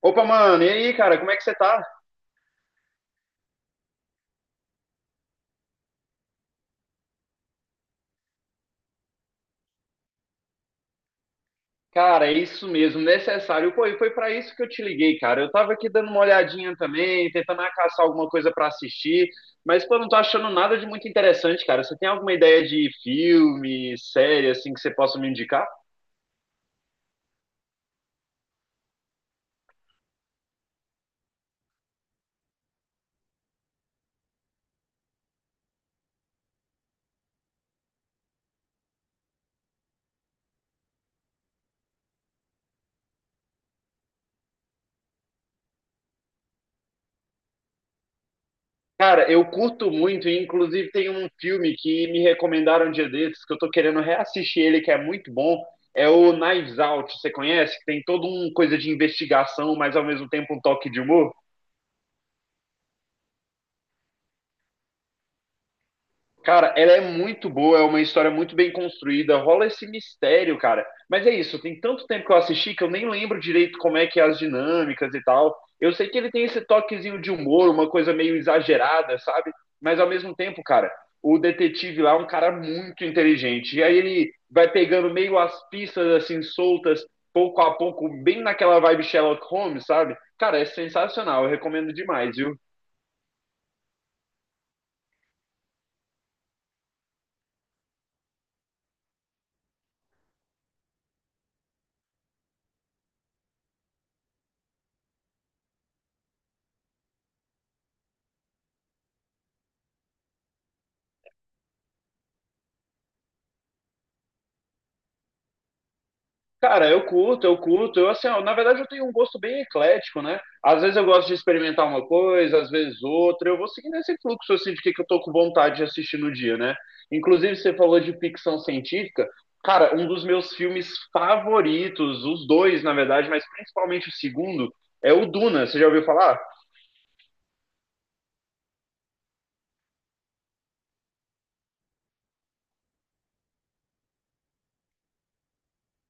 Opa, mano, e aí, cara, como é que você tá? Cara, é isso mesmo, necessário. Pô, e foi pra isso que eu te liguei, cara. Eu tava aqui dando uma olhadinha também, tentando caçar alguma coisa pra assistir, mas pô, não tô achando nada de muito interessante, cara. Você tem alguma ideia de filme, série, assim, que você possa me indicar? Cara, eu curto muito, e inclusive tem um filme que me recomendaram um dia desses, que eu tô querendo reassistir ele, que é muito bom. É o Knives Out, você conhece? Que tem toda uma coisa de investigação, mas ao mesmo tempo um toque de humor. Cara, ela é muito boa, é uma história muito bem construída, rola esse mistério, cara. Mas é isso, tem tanto tempo que eu assisti que eu nem lembro direito como é que é as dinâmicas e tal. Eu sei que ele tem esse toquezinho de humor, uma coisa meio exagerada, sabe? Mas ao mesmo tempo, cara, o detetive lá é um cara muito inteligente. E aí ele vai pegando meio as pistas assim soltas, pouco a pouco, bem naquela vibe Sherlock Holmes, sabe? Cara, é sensacional, eu recomendo demais, viu? Cara, eu curto, eu curto. Eu, assim, ó, na verdade, eu tenho um gosto bem eclético, né? Às vezes eu gosto de experimentar uma coisa, às vezes outra. Eu vou seguindo esse fluxo, assim, de que eu tô com vontade de assistir no dia, né? Inclusive, você falou de ficção científica. Cara, um dos meus filmes favoritos, os dois, na verdade, mas principalmente o segundo, é o Duna. Você já ouviu falar?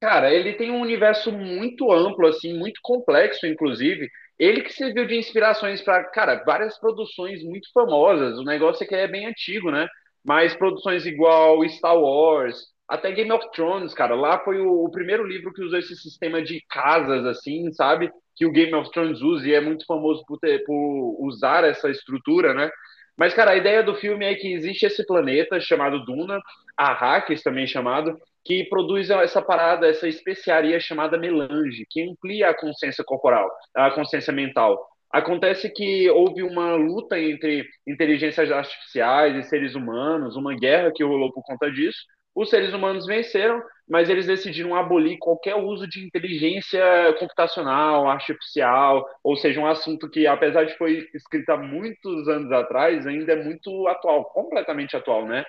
Cara, ele tem um universo muito amplo, assim, muito complexo, inclusive. Ele que serviu de inspirações para, cara, várias produções muito famosas. O negócio é que é bem antigo, né? Mas produções igual Star Wars, até Game of Thrones, cara. Lá foi o primeiro livro que usou esse sistema de casas, assim, sabe? Que o Game of Thrones usa e é muito famoso por, ter, por usar essa estrutura, né? Mas, cara, a ideia do filme é que existe esse planeta chamado Duna, Arrakis também é chamado, que produz essa parada, essa especiaria chamada melange, que amplia a consciência corporal, a consciência mental. Acontece que houve uma luta entre inteligências artificiais e seres humanos, uma guerra que rolou por conta disso. Os seres humanos venceram, mas eles decidiram abolir qualquer uso de inteligência computacional, artificial, ou seja, um assunto que, apesar de foi escrito há muitos anos atrás, ainda é muito atual, completamente atual, né?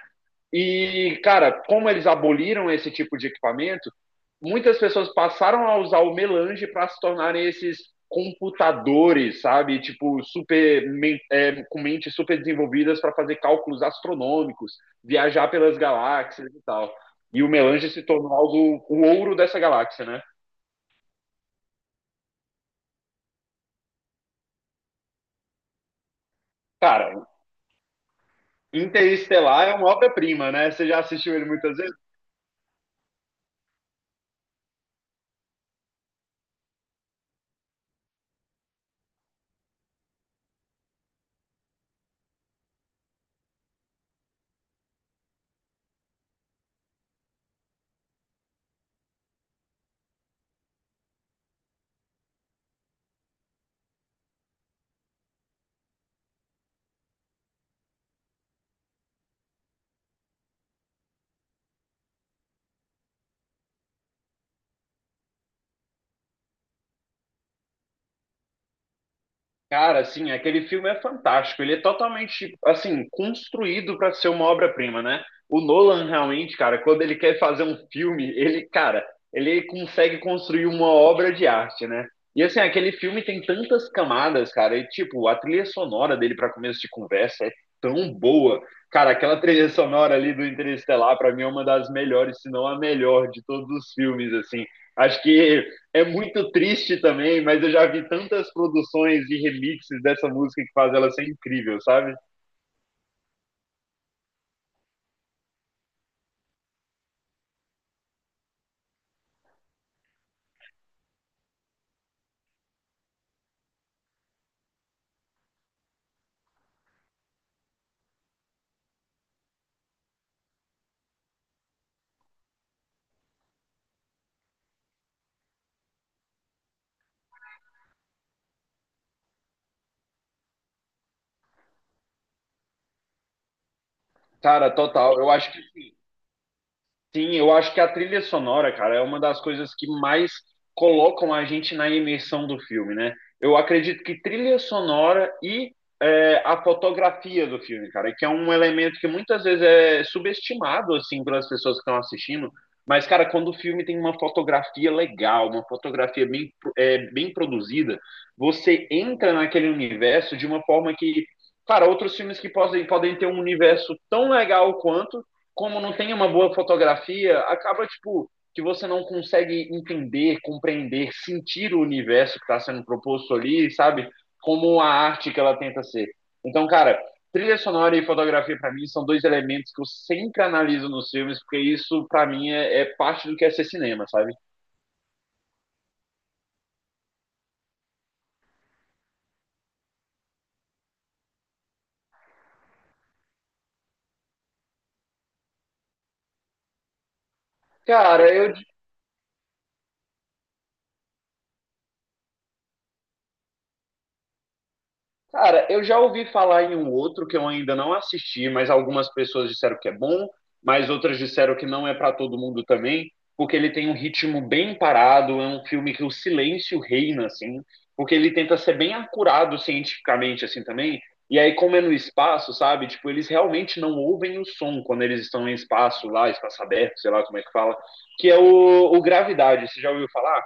E, cara, como eles aboliram esse tipo de equipamento, muitas pessoas passaram a usar o melange para se tornarem esses computadores, sabe? Tipo, super, é, com mentes super desenvolvidas para fazer cálculos astronômicos, viajar pelas galáxias e tal. E o melange se tornou algo, o ouro dessa galáxia, né? Cara, Interestelar é uma obra-prima, né? Você já assistiu ele muitas vezes? Cara, assim, aquele filme é fantástico. Ele é totalmente, assim, construído para ser uma obra-prima, né? O Nolan realmente, cara, quando ele quer fazer um filme, ele, cara, ele consegue construir uma obra de arte, né? E assim, aquele filme tem tantas camadas, cara, e tipo, a trilha sonora dele para começo de conversa é tão boa. Cara, aquela trilha sonora ali do Interestelar, para mim é uma das melhores, se não a melhor de todos os filmes, assim. Acho que é muito triste também, mas eu já vi tantas produções e remixes dessa música que faz ela ser incrível, sabe? Cara, total. Eu acho que Sim, eu acho que a trilha sonora, cara, é uma das coisas que mais colocam a gente na imersão do filme, né? Eu acredito que trilha sonora e é, a fotografia do filme, cara, que é um elemento que muitas vezes é subestimado, assim, pelas pessoas que estão assistindo. Mas, cara, quando o filme tem uma fotografia legal, uma fotografia bem, é, bem produzida, você entra naquele universo de uma forma que, cara, outros filmes que podem, podem ter um universo tão legal quanto como não tem uma boa fotografia, acaba tipo que você não consegue entender, compreender, sentir o universo que está sendo proposto ali, sabe? Como a arte que ela tenta ser. Então, cara, trilha sonora e fotografia para mim são dois elementos que eu sempre analiso nos filmes, porque isso para mim é parte do que é ser cinema, sabe? Cara, eu Cara, eu já ouvi falar em um outro que eu ainda não assisti, mas algumas pessoas disseram que é bom, mas outras disseram que não é pra todo mundo também, porque ele tem um ritmo bem parado, é um filme que o silêncio reina, assim, porque ele tenta ser bem acurado cientificamente, assim, também. E aí, como é no espaço, sabe? Tipo, eles realmente não ouvem o som quando eles estão em espaço lá, espaço aberto, sei lá como é que fala, que é o Gravidade. Você já ouviu falar?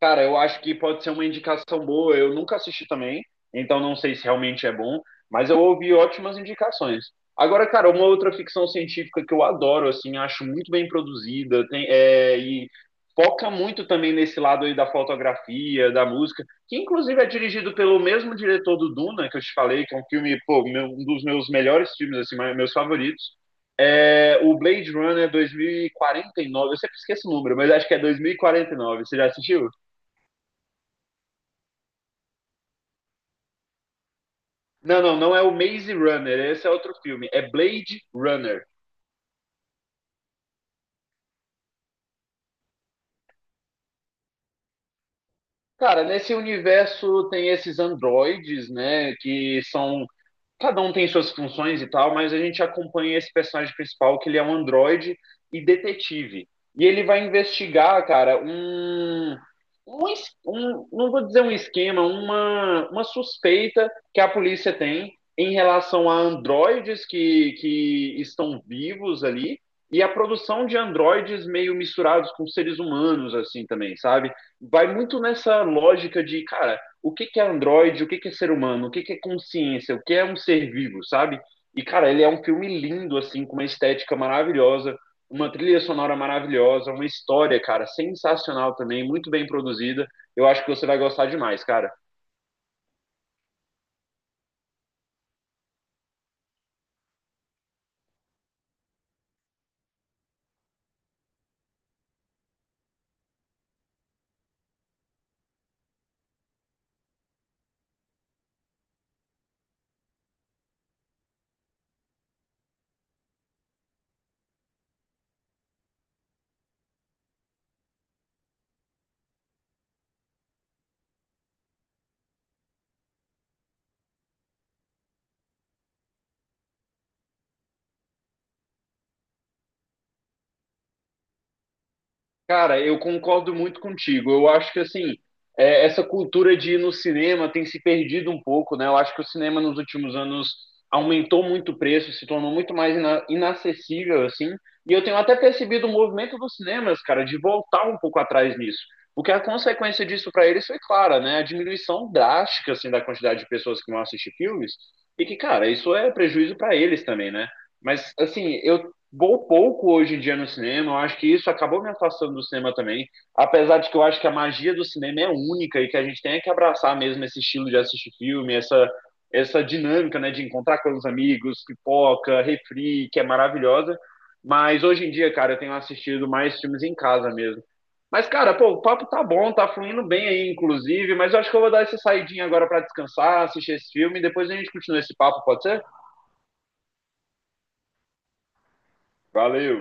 Cara, eu acho que pode ser uma indicação boa. Eu nunca assisti também, então não sei se realmente é bom, mas eu ouvi ótimas indicações. Agora, cara, uma outra ficção científica que eu adoro, assim, acho muito bem produzida, tem, é, e foca muito também nesse lado aí da fotografia, da música, que inclusive é dirigido pelo mesmo diretor do Duna, que eu te falei, que é um filme, pô, um dos meus melhores filmes, assim, meus favoritos. É o Blade Runner 2049, eu sempre esqueço o número, mas acho que é dois mil e quarenta e nove. Você já assistiu? Não, não, não é o Maze Runner, esse é outro filme, é Blade Runner. Cara, nesse universo tem esses androides, né, que são cada um tem suas funções e tal, mas a gente acompanha esse personagem principal, que ele é um androide e detetive. E ele vai investigar, cara, não vou dizer um esquema, uma suspeita que a polícia tem em relação a androides que estão vivos ali e a produção de androides meio misturados com seres humanos, assim também, sabe? Vai muito nessa lógica de, cara, o que, que é Android, o que, que é ser humano, o que, que é consciência, o que é um ser vivo, sabe? E, cara, ele é um filme lindo, assim, com uma estética maravilhosa, uma trilha sonora maravilhosa, uma história, cara, sensacional também, muito bem produzida. Eu acho que você vai gostar demais, cara. Cara, eu concordo muito contigo. Eu acho que assim, é, essa cultura de ir no cinema tem se perdido um pouco, né? Eu acho que o cinema nos últimos anos aumentou muito o preço, se tornou muito mais inacessível, assim. E eu tenho até percebido o movimento dos cinemas, cara, de voltar um pouco atrás nisso. O que é a consequência disso para eles foi clara, né? A diminuição drástica, assim, da quantidade de pessoas que vão assistir filmes. E que, cara, isso é prejuízo para eles também, né? Mas, assim, eu vou pouco hoje em dia no cinema. Eu acho que isso acabou me afastando do cinema também. Apesar de que eu acho que a magia do cinema é única e que a gente tem que abraçar mesmo esse estilo de assistir filme, essa dinâmica, né, de encontrar com os amigos, pipoca, refri, que é maravilhosa. Mas hoje em dia, cara, eu tenho assistido mais filmes em casa mesmo. Mas, cara, pô, o papo tá bom, tá fluindo bem aí, inclusive. Mas eu acho que eu vou dar essa saidinha agora pra descansar, assistir esse filme e depois a gente continua esse papo, pode ser? Valeu!